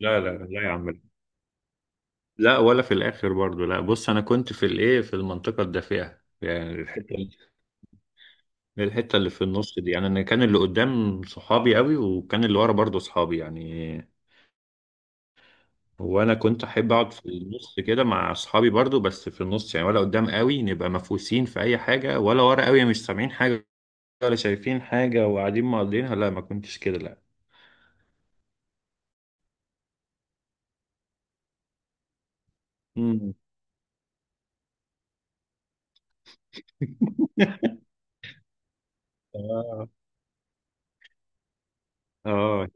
لا لا لا يا عم. لا ولا في الاخر برضو لا. بص انا كنت في في المنطقه الدافئه، يعني الحته اللي الحته اللي في النص دي. يعني انا كان اللي قدام صحابي قوي، وكان اللي ورا برضو صحابي يعني. وانا كنت احب اقعد في النص كده مع اصحابي برضو، بس في النص يعني، ولا قدام قوي نبقى مفوسين في اي حاجه، ولا ورا قوي مش سامعين حاجه ولا شايفين حاجه وقاعدين مقضينها. لا، ما كنتش كده لا. مم. اه. آه.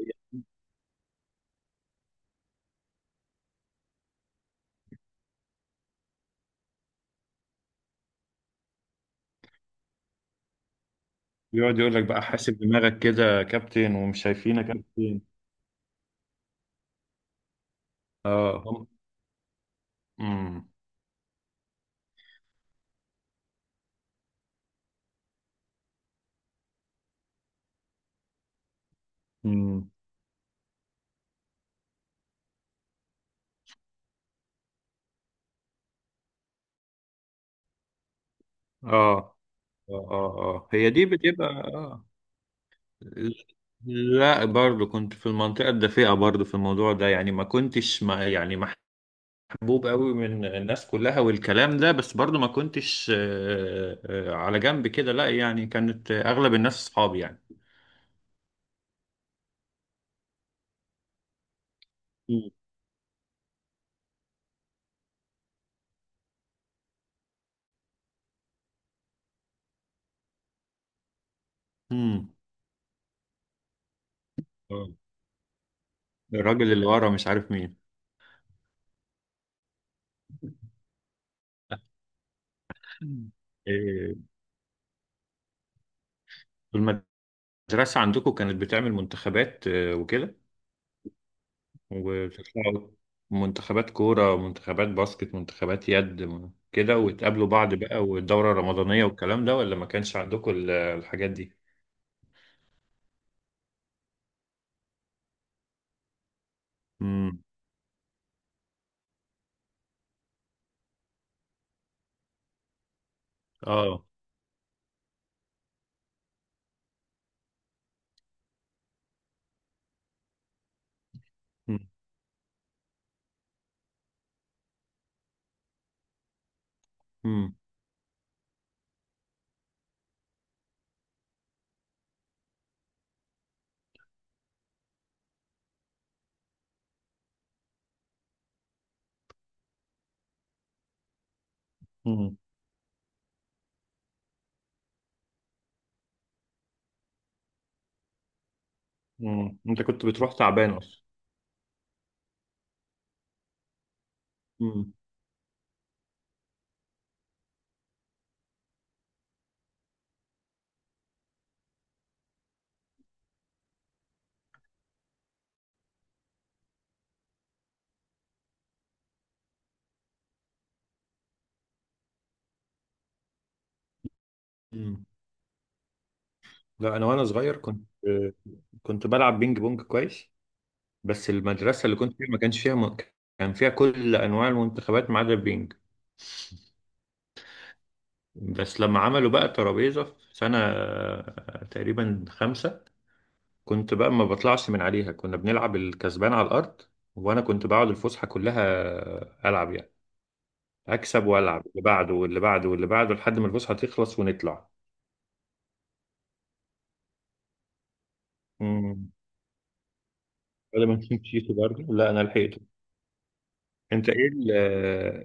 بيقعد يقول لك بقى حاسب دماغك كده يا كابتن، ومش شايفينك يا كابتن. اه، امم. امم. اه اه اه. آه، هي دي بتبقى اه. لا، برضو كنت في المنطقة الدفيئة برضو في الموضوع ده، يعني ما كنتش ما يعني محبوب قوي من الناس كلها والكلام ده، بس برضو ما كنتش على جنب كده لا، يعني كانت اغلب الناس اصحابي يعني. امم. الراجل اللي ورا مش عارف مين. إيه، طول ما المدرسة عندكم كانت بتعمل منتخبات وكده، وبتطلعوا منتخبات كورة، منتخبات باسكت، منتخبات يد، كده وتقابلوا بعض بقى، والدورة الرمضانية والكلام ده، ولا ما كانش عندكم الحاجات دي؟ امم. اه. امم. امم. امم. أمم. انت كنت بتروح تعبان اصلا؟ امم. امم. لا، انا وانا صغير كنت كنت بلعب بينج بونج كويس، بس المدرسة اللي كنت فيها ما كانش فيها كان فيها كل انواع المنتخبات ما عدا البينج. بس لما عملوا بقى الترابيزة في سنة تقريبا 5، كنت بقى ما بطلعش من عليها، كنا بنلعب الكسبان على الأرض، وأنا كنت بقعد الفسحة كلها ألعب يعني، أكسب وألعب اللي بعده واللي بعده واللي بعده لحد ما الفسحة تخلص ونطلع. امم. ولا ما مشيت برضه، لا أنا لحقته. أنت إيه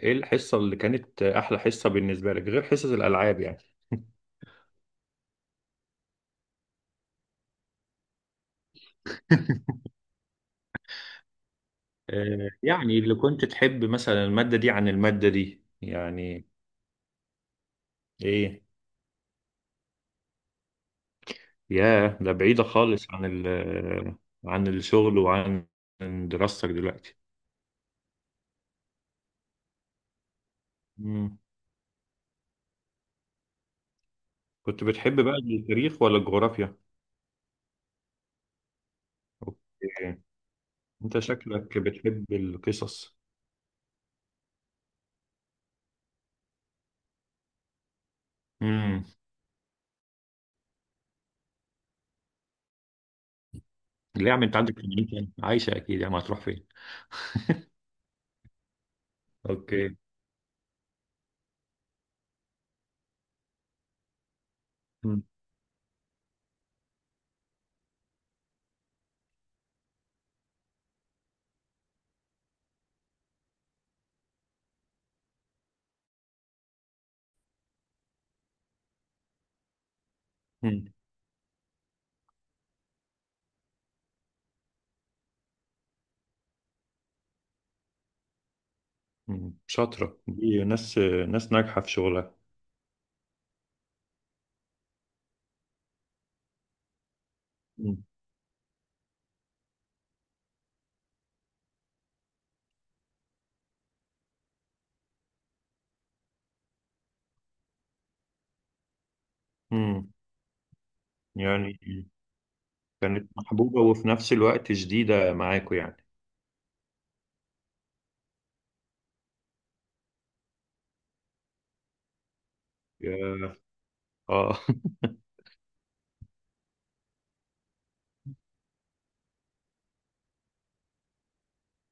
إيه الحصة اللي كانت أحلى حصة بالنسبة لك غير حصص الألعاب يعني؟ آه، يعني اللي كنت تحب مثلا المادة دي عن المادة دي يعني؟ إيه؟ ياه، ده بعيدة خالص عن ال... عن الشغل وعن دراستك دلوقتي. مم. كنت بتحب بقى التاريخ ولا الجغرافيا؟ اوكي. انت شكلك بتحب القصص. امم. ليه يا عم، انت عندك في المنيا؟ عايشة اكيد، يا ما هتروح فين؟ اوكي. مم. مم. مم. شاطرة دي ناس، ناس ناجحة في شغلها. مم. مم. يعني كانت محبوبة وفي نفس الوقت شديدة معاكوا يعني. يا- اه.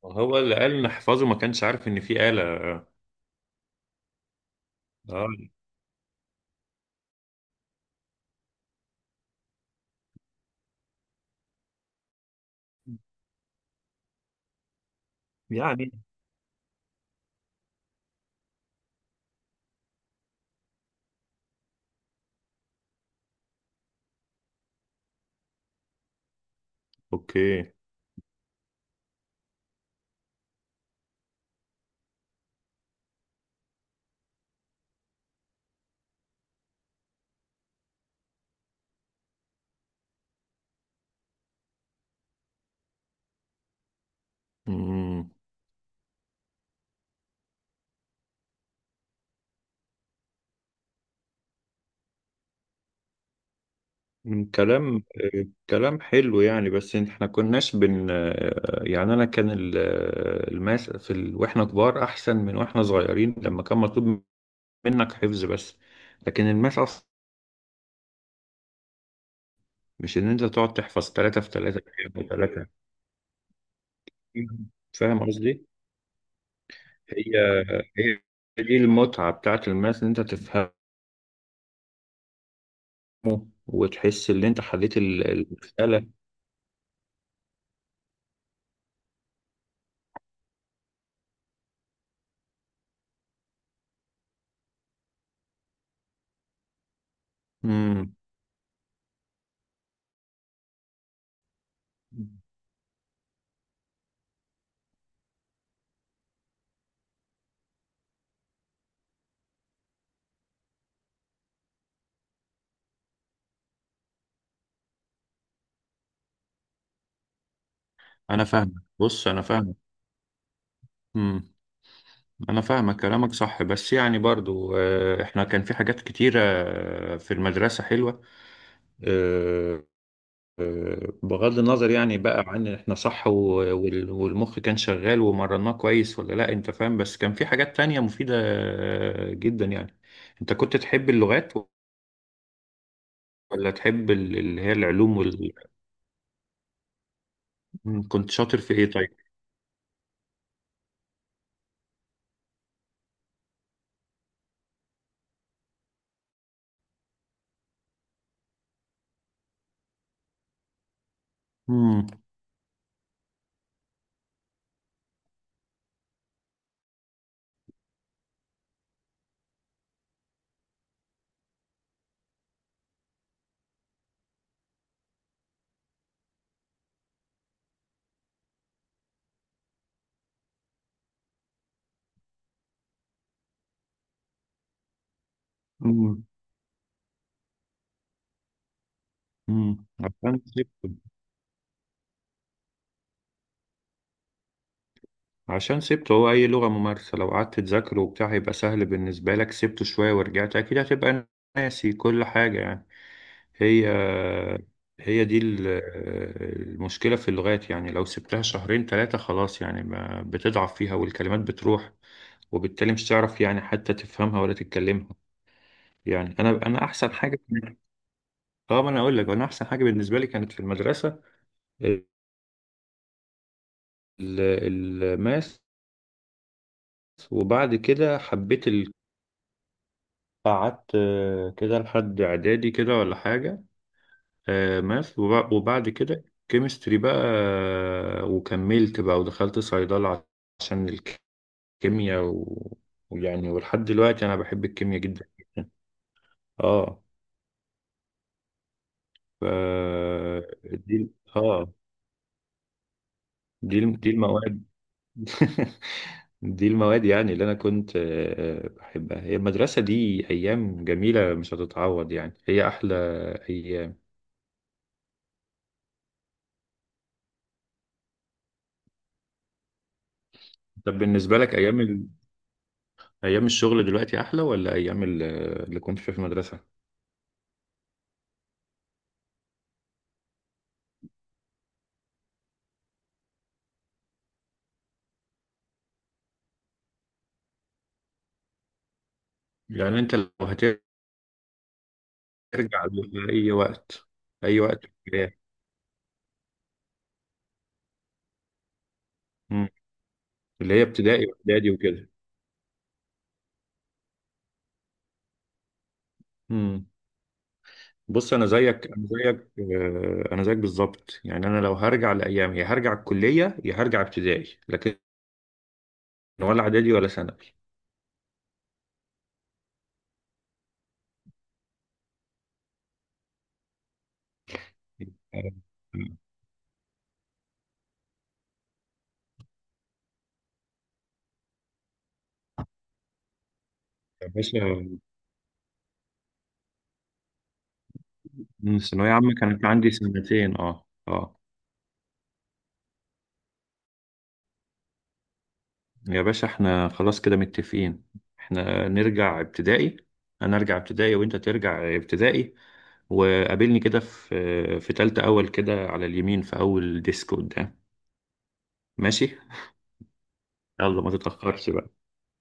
هو اللي قال نحفظه ما كانش عارف ان في آلة. آه. يعني أوكي. مم. مم، كلام كلام حلو، يعني بس احنا كناش بن يعني انا كان الماس في ال... واحنا كبار احسن من واحنا صغيرين، لما كان مطلوب منك حفظ بس. لكن الماس اصلا مش ان انت تقعد تحفظ ثلاثة في ثلاثة في ثلاثة. فاهم قصدي؟ هي هي دي المتعة بتاعت الماس، ان انت تفهمه وتحس ان انت حليت المسألة. مم. انا فاهمك، بص انا فاهمك. امم. انا فاهمك كلامك صح، بس يعني برضو احنا كان في حاجات كتيرة في المدرسة حلوة. آه، بغض النظر يعني بقى عن احنا صح، والمخ كان شغال ومرناه كويس ولا لا، انت فاهم؟ بس كان في حاجات تانية مفيدة جدا يعني. انت كنت تحب اللغات ولا تحب اللي هي العلوم وال...؟ مم، كنت شاطر في ايه طيب؟ امم. امم. امم. عشان سبته، هو أي لغة ممارسة لو قعدت تذاكره وبتاع هيبقى سهل بالنسبة لك، سبته شوية ورجعت أكيد هتبقى ناسي كل حاجة يعني. هي هي دي المشكلة في اللغات، يعني لو سبتها شهرين 3 خلاص يعني ما بتضعف فيها والكلمات بتروح، وبالتالي مش تعرف يعني حتى تفهمها ولا تتكلمها. يعني أنا أحسن حاجة، اه ما أنا أقول لك، أنا أحسن حاجة بالنسبة لي كانت في المدرسة ال- الماس. وبعد كده حبيت، قعدت كده لحد اعدادي كده ولا حاجه. ماث، وبعد كده كيمستري بقى. وكملت بقى ودخلت صيدله عشان الكيمياء ويعني. ولحد دلوقتي انا بحب الكيمياء جدا. اه. ف دي اه. دي المواد. دي المواد يعني اللي انا كنت بحبها. هي المدرسه دي ايام جميله مش هتتعوض، يعني هي احلى ايام. طب بالنسبه لك ايام، ايام الشغل دلوقتي احلى ولا ايام اللي كنت فيها في المدرسه؟ يعني انت لو هترجع لاي وقت، اي وقت في الحياة، مم. اللي هي ابتدائي واعدادي وكده. مم. بص انا زيك بالظبط، يعني انا لو هرجع لايام، يا هرجع الكليه يا هرجع ابتدائي، لكن ولا اعدادي ولا ثانوي. آه، يا باشا. مم، الثانويه عامه كانت عندي سنتين، اه اه. يا باشا احنا خلاص كده متفقين. احنا نرجع ابتدائي، انا ارجع ابتدائي وانت ترجع ابتدائي، وقابلني كده في في تالتة اول كده على اليمين في اول ديسك قدام. ماشي. يلا ما تتأخرش بقى.